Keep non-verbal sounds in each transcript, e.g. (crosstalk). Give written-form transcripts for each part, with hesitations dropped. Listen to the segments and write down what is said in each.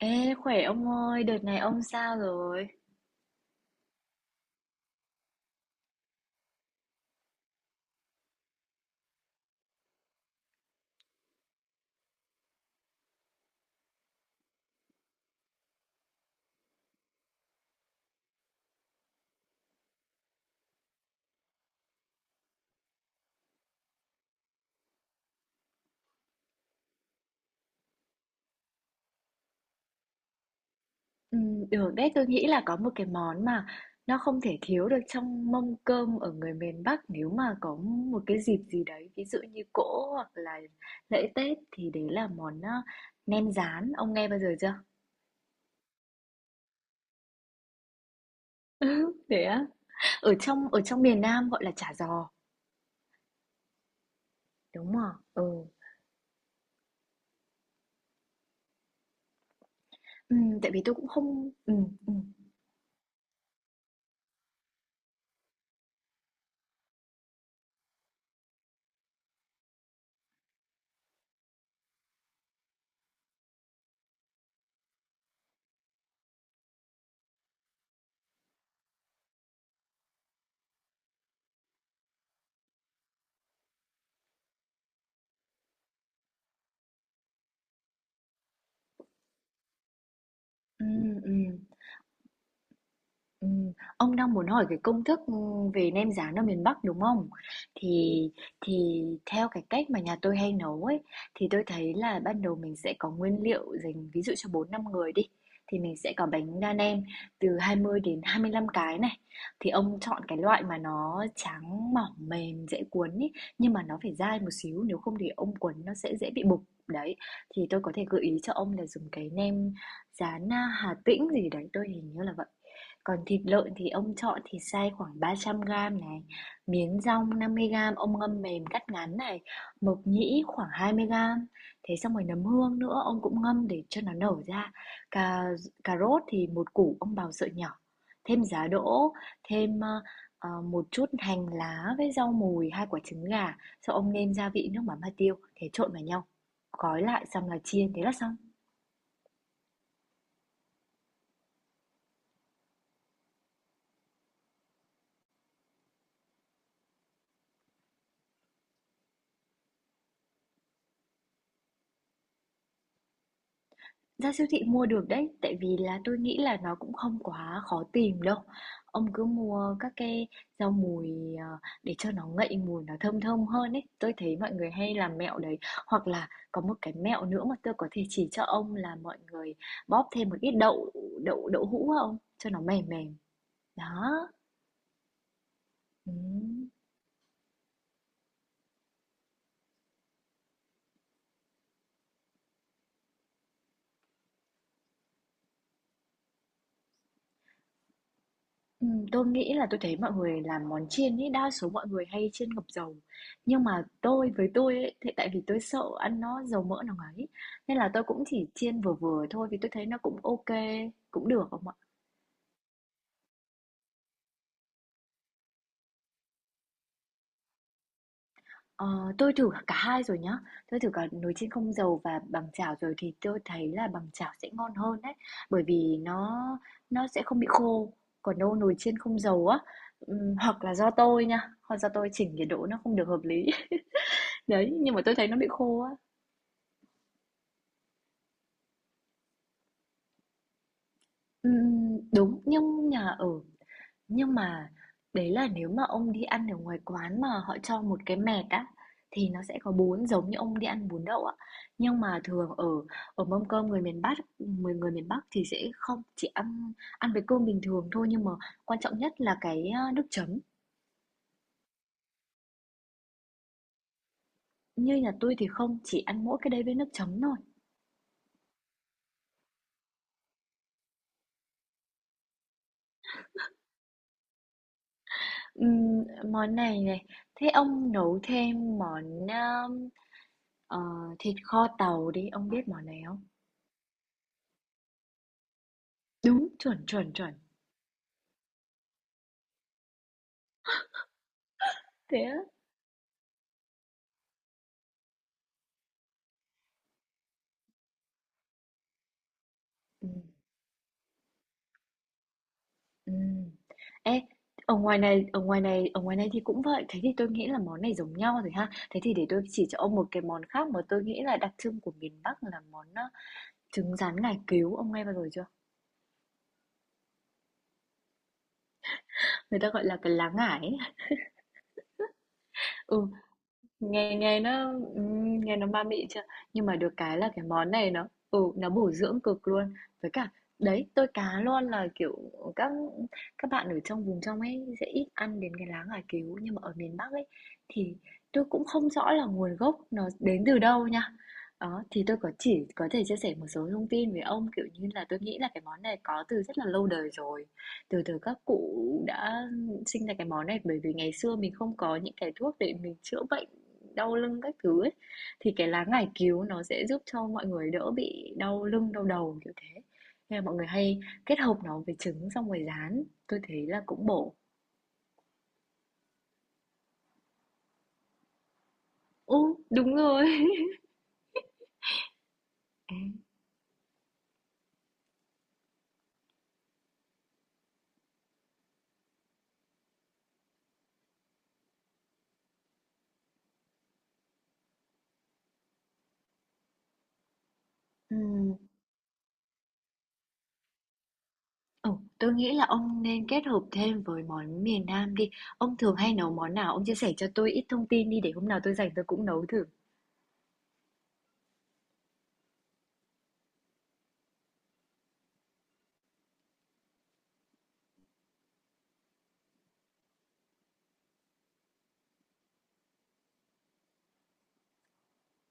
Ê, khỏe ông ơi, đợt này ông sao rồi? Ừ, Được đấy, tôi nghĩ là có một cái món mà nó không thể thiếu được trong mâm cơm ở người miền Bắc nếu mà có một cái dịp gì đấy, ví dụ như cỗ hoặc là lễ Tết thì đấy là món nem rán, ông nghe bao giờ chưa? Thế á? Ở trong miền Nam gọi là chả giò, đúng không? Ừ. Ừ, tại vì tôi cũng không ừ, ừ, ừ. Ông đang muốn hỏi cái công thức, về nem rán ở miền Bắc, đúng không? Thì thì theo cái cách mà nhà tôi hay nấu ấy, thì tôi thấy là ban đầu mình sẽ có nguyên liệu dành ví dụ cho bốn năm người đi, thì mình sẽ có bánh đa nem từ hai mươi đến 25 cái này. Thì ông chọn cái loại mà nó trắng, mỏng, mềm, dễ cuốn ấy, nhưng mà nó phải dai một xíu, nếu không thì ông cuốn nó sẽ dễ bị bục. Đấy, thì tôi có thể gợi ý cho ông là dùng cái nem rán, Hà Tĩnh gì đấy, tôi hình như là vậy. Còn thịt lợn thì ông chọn thịt xay khoảng 300 g này, miến dong 50 g ông ngâm mềm cắt ngắn này, mộc nhĩ khoảng 20 g. Thế xong rồi nấm hương nữa ông cũng ngâm để cho nó nở ra. Cà cà rốt thì một củ ông bào sợi nhỏ, thêm giá đỗ, thêm một chút hành lá với rau mùi, hai quả trứng gà, sau ông nêm gia vị nước mắm hạt tiêu, thế trộn vào nhau. Gói lại xong là chiên, thế là xong. Ra siêu thị mua được đấy, tại vì là tôi nghĩ là nó cũng không quá khó tìm đâu. Ông cứ mua các cái rau mùi để cho nó ngậy mùi nó thơm thơm hơn ấy. Tôi thấy mọi người hay làm mẹo đấy. Hoặc là có một cái mẹo nữa mà tôi có thể chỉ cho ông là mọi người bóp thêm một ít đậu đậu đậu hũ vào ông cho nó mềm mềm. Đó. Ừ. Tôi nghĩ là tôi thấy mọi người làm món chiên ấy, đa số mọi người hay chiên ngập dầu. Nhưng mà tôi với tôi ấy, thì tại vì tôi sợ ăn nó dầu mỡ nó ấy nên là tôi cũng chỉ chiên vừa vừa thôi vì tôi thấy nó cũng ok, cũng được không ạ? Ờ, tôi thử cả hai rồi nhá. Tôi thử cả nồi chiên không dầu và bằng chảo rồi thì tôi thấy là bằng chảo sẽ ngon hơn đấy, bởi vì nó sẽ không bị khô. Còn đâu nồi chiên không dầu á, hoặc là do tôi nha, hoặc do tôi chỉnh nhiệt độ nó không được hợp lý. (laughs) Đấy, nhưng mà tôi thấy nó bị khô á. Đúng, nhưng nhà ở nhưng mà đấy là nếu mà ông đi ăn ở ngoài quán mà họ cho một cái mẹt á thì nó sẽ có bún giống như ông đi ăn bún đậu á. Nhưng mà thường ở ở mâm cơm người miền Bắc, người người miền Bắc thì sẽ không chỉ ăn ăn với cơm bình thường thôi nhưng mà quan trọng nhất là cái nước chấm. Như nhà tôi thì không, chỉ ăn mỗi cái đấy với nước chấm thôi. Ừm, món này này, thế ông nấu thêm món ờ, thịt kho tàu đi, ông biết món này không? Đúng, chuẩn, chuẩn, chuẩn. Thế á? Ừm, ừm. Ê, ở ngoài này thì cũng vậy. Thế thì tôi nghĩ là món này giống nhau rồi ha. Thế thì để tôi chỉ cho ông một cái món khác mà tôi nghĩ là đặc trưng của miền Bắc là món trứng rán ngải cứu. Ông nghe bao giờ chưa? Người ta gọi là cái lá ngải ấy. Ừ, Nghe nghe nó ma mị chưa? Nhưng mà được cái là cái món này nó nó bổ dưỡng cực luôn. Với cả đấy, tôi cá luôn là kiểu các các bạn ở trong vùng trong ấy sẽ ít ăn đến cái lá ngải cứu nhưng mà ở miền Bắc ấy thì tôi cũng không rõ là nguồn gốc nó đến từ đâu nha. Đó, thì tôi chỉ có thể chia sẻ một số thông tin với ông kiểu như là tôi nghĩ là cái món này có từ rất là lâu đời rồi. Từ từ các cụ đã sinh ra cái món này bởi vì ngày xưa mình không có những cái thuốc để mình chữa bệnh đau lưng các thứ ấy, thì cái lá ngải cứu nó sẽ giúp cho mọi người đỡ bị đau lưng, đau đầu kiểu thế. Nên là mọi người hay kết hợp nó với trứng xong rồi rán. Tôi thấy là cũng bổ. Ừ, đúng rồi. (laughs) Ừ, ừ, tôi nghĩ là ông nên kết hợp thêm với món miền Nam đi. Ông thường hay nấu món nào? Ông chia sẻ cho tôi ít thông tin đi để hôm nào tôi rảnh tôi cũng nấu thử.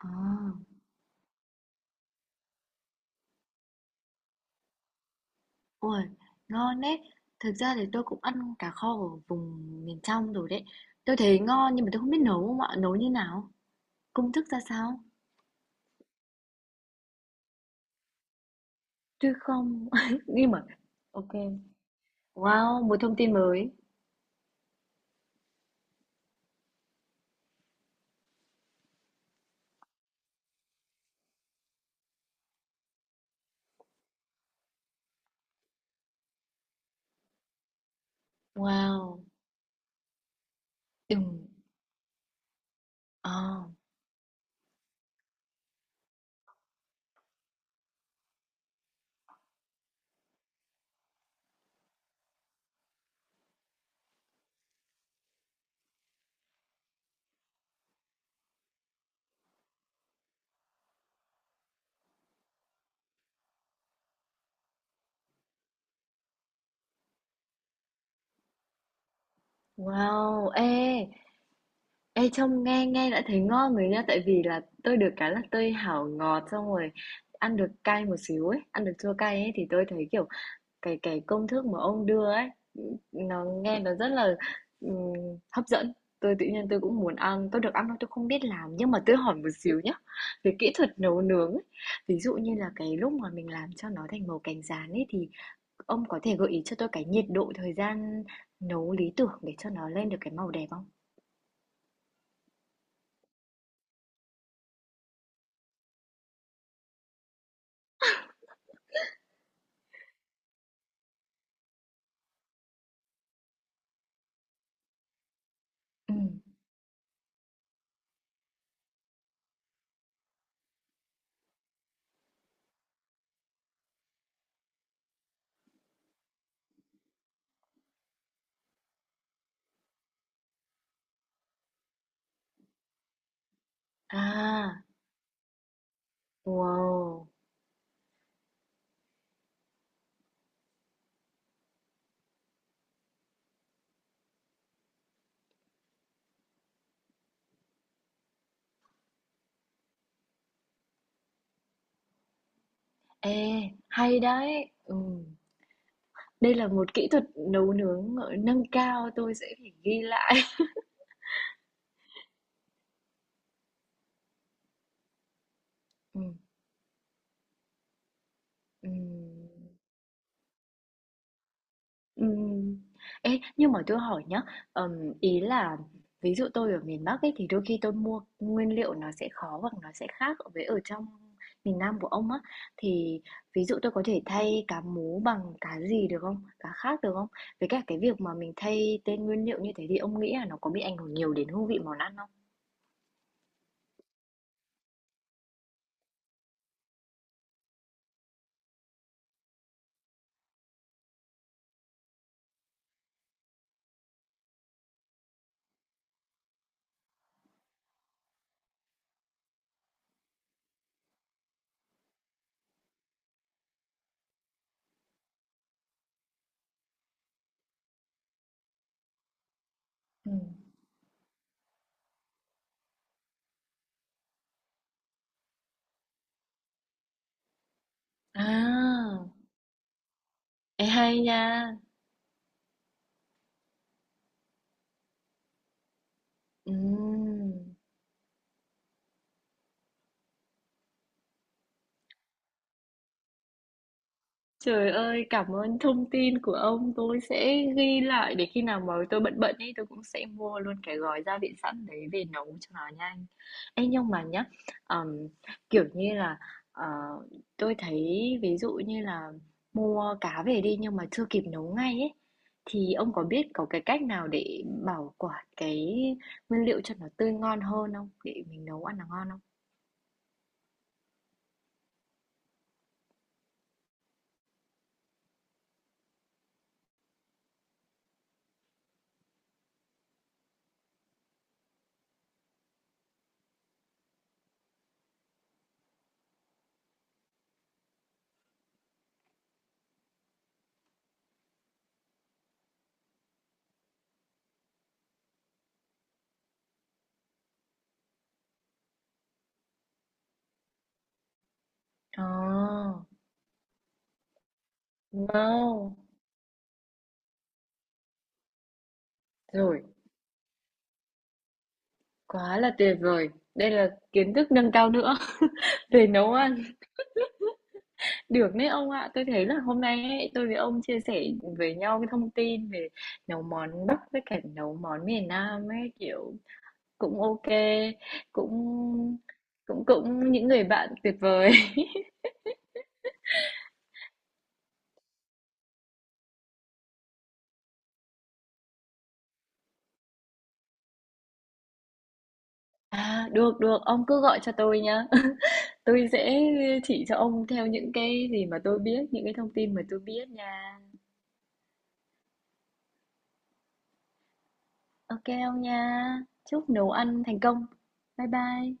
À. Ôi, ngon đấy. Thực ra thì tôi cũng ăn cá kho ở vùng miền trong rồi đấy. Tôi thấy ngon nhưng mà tôi không biết nấu không ạ? Nấu như nào? Công thức ra sao? Tôi không. (laughs) Nhưng mà ok. Wow, một thông tin mới. Wow. Đừng. À, wow. Ê, ê trông nghe nghe đã thấy ngon rồi nha, tại vì là tôi được cái là tôi hảo ngọt xong rồi ăn được cay một xíu ấy, ăn được chua cay ấy thì tôi thấy kiểu cái công thức mà ông đưa ấy, nó nghe nó rất là, ừm, hấp dẫn. Tôi tự nhiên tôi cũng muốn ăn, tôi được ăn thôi tôi không biết làm nhưng mà tôi hỏi một xíu nhá. Về kỹ thuật nấu nướng ấy, ví dụ như là cái lúc mà mình làm cho nó thành màu cánh gián ấy thì ông có thể gợi ý cho tôi cái nhiệt độ thời gian nấu lý tưởng để cho nó lên được cái màu đẹp không? Ừ. À, wow. Ê, hay đấy. Ừ. Đây là một kỹ thuật nấu nướng nâng cao tôi sẽ phải ghi lại. (laughs) Ừ. Ừm, ừm. Ê, nhưng mà tôi hỏi nhá, ờm, ý là ví dụ tôi ở miền Bắc ấy thì đôi khi tôi mua nguyên liệu nó sẽ khó hoặc nó sẽ khác với ở trong miền Nam của ông á thì ví dụ tôi có thể thay cá mú bằng cá gì được không? Cá khác được không? Với cả cái việc mà mình thay tên nguyên liệu như thế thì ông nghĩ là nó có bị ảnh hưởng nhiều đến hương vị món ăn không? Ừm. À, ê hay nha. Ừm. Trời ơi, cảm ơn thông tin của ông. Tôi sẽ ghi lại để khi nào mà tôi bận bận ấy, tôi cũng sẽ mua luôn cái gói gia vị sẵn đấy về nấu cho nó nhanh. Ê, nhưng mà nhá, ờm, kiểu như là ờ, tôi thấy ví dụ như là mua cá về đi nhưng mà chưa kịp nấu ngay ấy, thì ông có biết có cái cách nào để bảo quản cái nguyên liệu cho nó tươi ngon hơn không? Để mình nấu ăn nó ngon không? Ờ, no. Rồi. Quá là tuyệt vời. Đây là kiến thức nâng cao nữa (laughs) về nấu ăn. Được đấy ông ạ. Tôi thấy là hôm nay ấy, tôi với ông chia sẻ với nhau cái thông tin về nấu món Bắc với cả nấu món miền Nam ấy kiểu cũng ok, cũng cũng cũng những người bạn tuyệt vời. (laughs) À, được được, ông cứ gọi cho tôi nhá. (laughs) Tôi sẽ chỉ cho ông theo những cái gì mà tôi biết, những cái thông tin mà tôi biết nha. Ok ông nha. Chúc nấu ăn thành công. Bye bye.